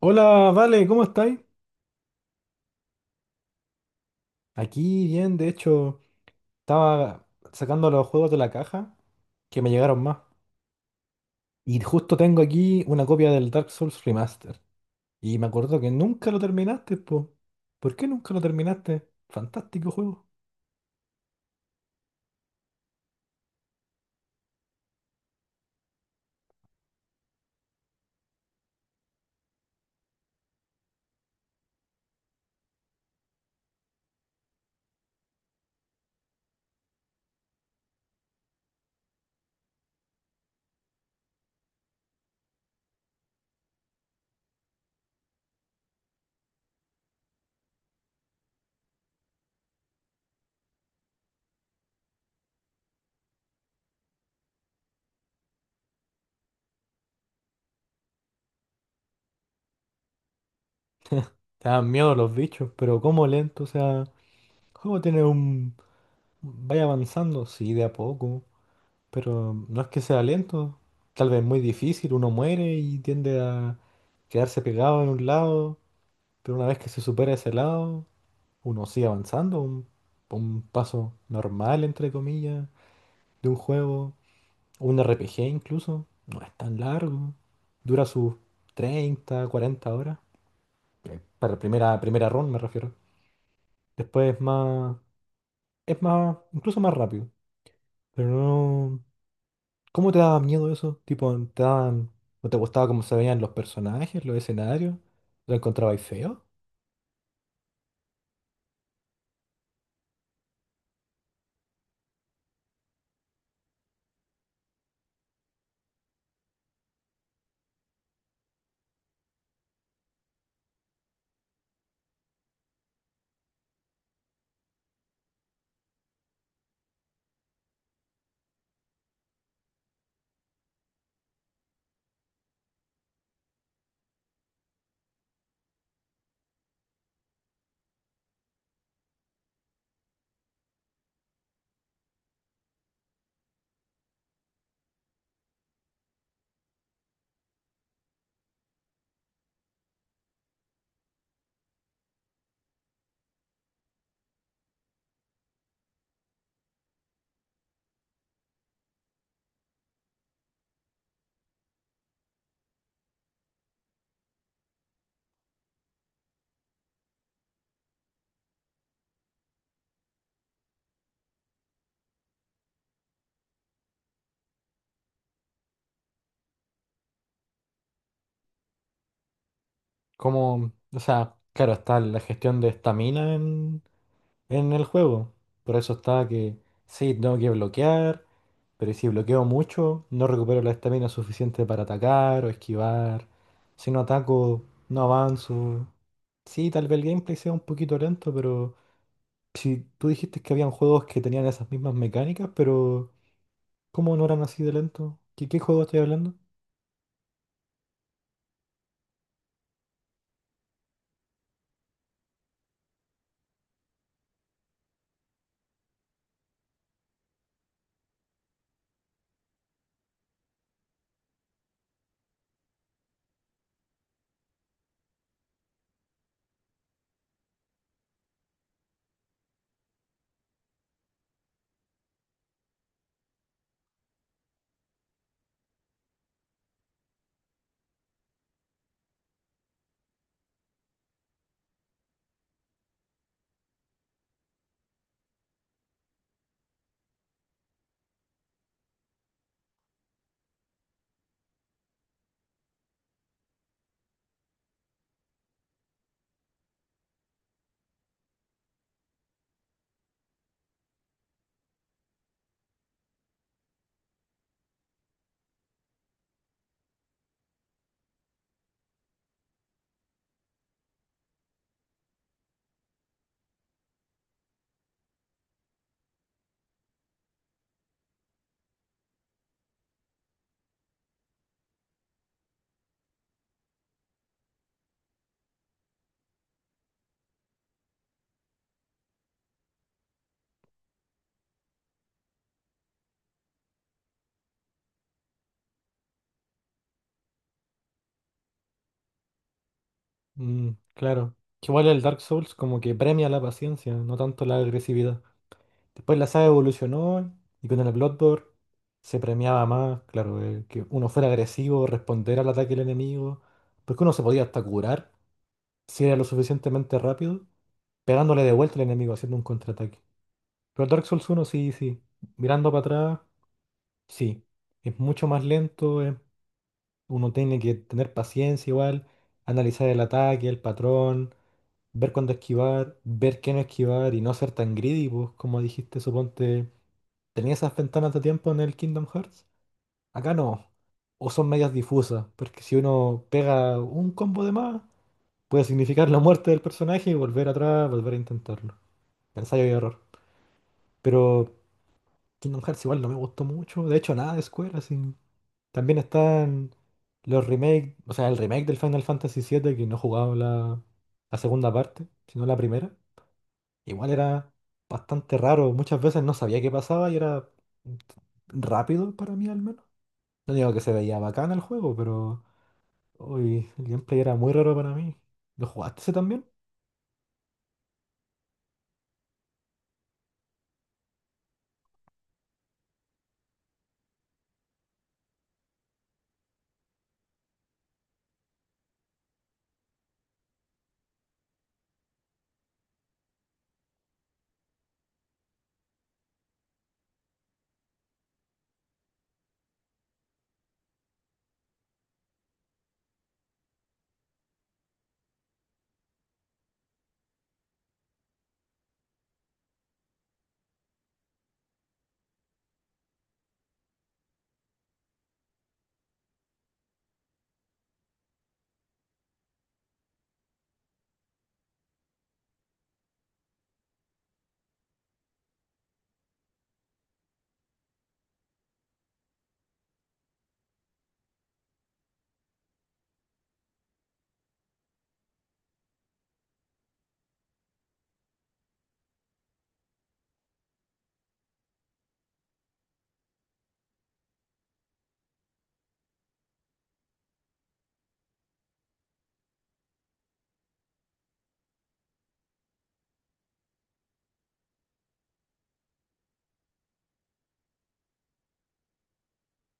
Hola, Vale, ¿cómo estáis? Aquí bien, de hecho, estaba sacando los juegos de la caja que me llegaron más. Y justo tengo aquí una copia del Dark Souls Remaster. Y me acuerdo que nunca lo terminaste, po. ¿Por qué nunca lo terminaste? Fantástico juego. Te dan miedo los bichos, pero como lento, o sea, el juego tiene un... Vaya avanzando, sí, de a poco, pero no es que sea lento. Tal vez muy difícil, uno muere y tiende a quedarse pegado en un lado. Pero una vez que se supera ese lado, uno sigue avanzando, un paso normal, entre comillas, de un juego, o un RPG incluso, no es tan largo, dura sus 30 40 horas, para primera run me refiero. Después es más, incluso más rápido, pero no... ¿Cómo te daba miedo eso? Tipo, ¿te daban, no te gustaba cómo se veían los personajes, los escenarios? ¿Lo encontrabais feo? Como, o sea, claro, está la gestión de estamina en el juego. Por eso estaba que sí, tengo que bloquear, pero si bloqueo mucho, no recupero la estamina suficiente para atacar o esquivar. Si no ataco, no avanzo. Sí, tal vez el gameplay sea un poquito lento, pero si tú dijiste que habían juegos que tenían esas mismas mecánicas, pero ¿cómo no eran así de lento? ¿Qué juego estoy hablando? Mm, claro. Que igual el Dark Souls como que premia la paciencia, no tanto la agresividad. Después la saga evolucionó y con el Bloodborne se premiaba más, claro, que uno fuera agresivo, responder al ataque del enemigo, porque uno se podía hasta curar si era lo suficientemente rápido, pegándole de vuelta al enemigo, haciendo un contraataque. Pero el Dark Souls 1 sí, sí, mirando para atrás, sí, es mucho más lento, uno tiene que tener paciencia igual, analizar el ataque, el patrón, ver cuándo esquivar, ver qué no esquivar y no ser tan greedy, pues como dijiste, suponte. ¿Tenía esas ventanas de tiempo en el Kingdom Hearts? Acá no. O son medias difusas, porque si uno pega un combo de más, puede significar la muerte del personaje y volver atrás, volver a intentarlo. Ensayo y error. Pero Kingdom Hearts igual no me gustó mucho. De hecho, nada de Square, así. También están los remakes, o sea, el remake del Final Fantasy 7 que no jugaba la segunda parte, sino la primera. Igual era bastante raro. Muchas veces no sabía qué pasaba y era rápido para mí al menos. No digo que se veía bacán el juego, pero uy, el gameplay era muy raro para mí. ¿Lo jugaste ese también?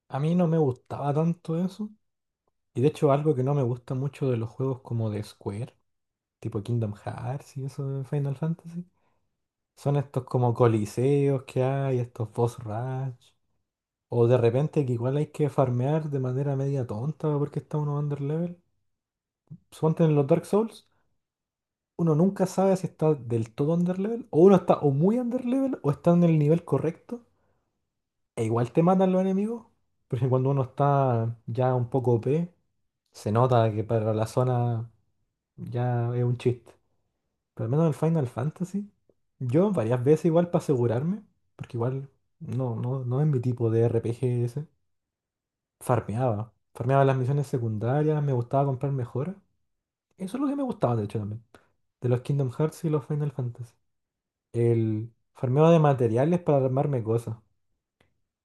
A mí no me gustaba tanto eso. Y de hecho, algo que no me gusta mucho de los juegos como de Square, tipo Kingdom Hearts y eso de Final Fantasy, son estos como coliseos que hay, estos boss rush. O de repente que igual hay que farmear de manera media tonta porque está uno underlevel. Suponte en los Dark Souls, uno nunca sabe si está del todo underlevel, o uno está o muy underlevel o está en el nivel correcto. E igual te matan los enemigos, porque cuando uno está ya un poco OP, se nota que para la zona ya es un chiste. Pero al menos en el Final Fantasy, yo varias veces igual para asegurarme, porque igual no, no, no es mi tipo de RPG ese, farmeaba. Farmeaba las misiones secundarias, me gustaba comprar mejoras. Eso es lo que me gustaba de hecho también, de los Kingdom Hearts y los Final Fantasy. El farmeo de materiales para armarme cosas.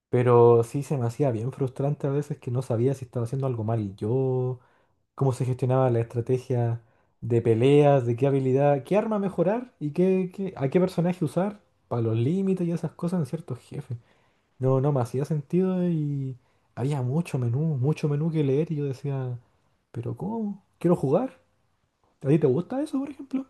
Pero sí se me hacía bien frustrante a veces que no sabía si estaba haciendo algo mal yo, cómo se gestionaba la estrategia de peleas, de qué habilidad, qué arma mejorar y a qué personaje usar para los límites y esas cosas en ciertos jefes. No, no me hacía sentido y había mucho menú que leer y yo decía, pero ¿cómo? ¿Quiero jugar? ¿A ti te gusta eso, por ejemplo?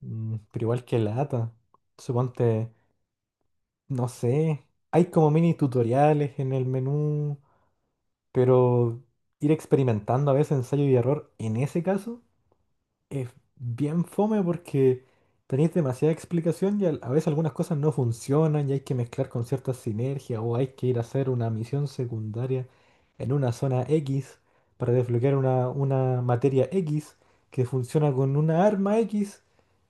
Mm, pero igual que lata. Suponte, no sé, hay como mini tutoriales en el menú. Pero ir experimentando a veces ensayo y error, en ese caso, es bien fome porque tenéis demasiada explicación y a veces algunas cosas no funcionan y hay que mezclar con ciertas sinergias o hay que ir a hacer una misión secundaria en una zona X para desbloquear una materia X que funciona con una arma X.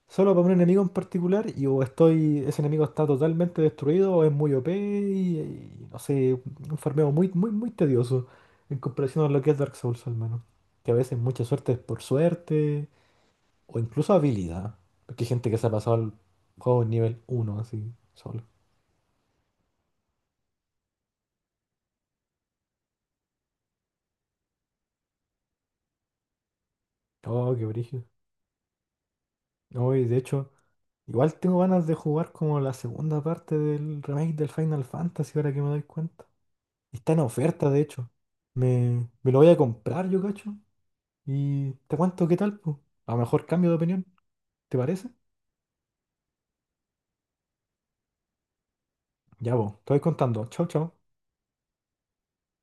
Solo para un enemigo en particular y o estoy, ese enemigo está totalmente destruido o es muy OP y no sé, un farmeo muy, muy, muy tedioso en comparación a lo que es Dark Souls al menos. Que a veces mucha suerte es por suerte o incluso habilidad. Porque hay gente que se ha pasado al juego en nivel 1 así, solo. Oh, qué brígido. No, y de hecho, igual tengo ganas de jugar como la segunda parte del remake del Final Fantasy ahora que me doy cuenta. Está en oferta, de hecho. Me lo voy a comprar, yo cacho. Y te cuento qué tal, pues. A lo mejor cambio de opinión, ¿te parece? Ya, vos, te voy contando. Chau, chau.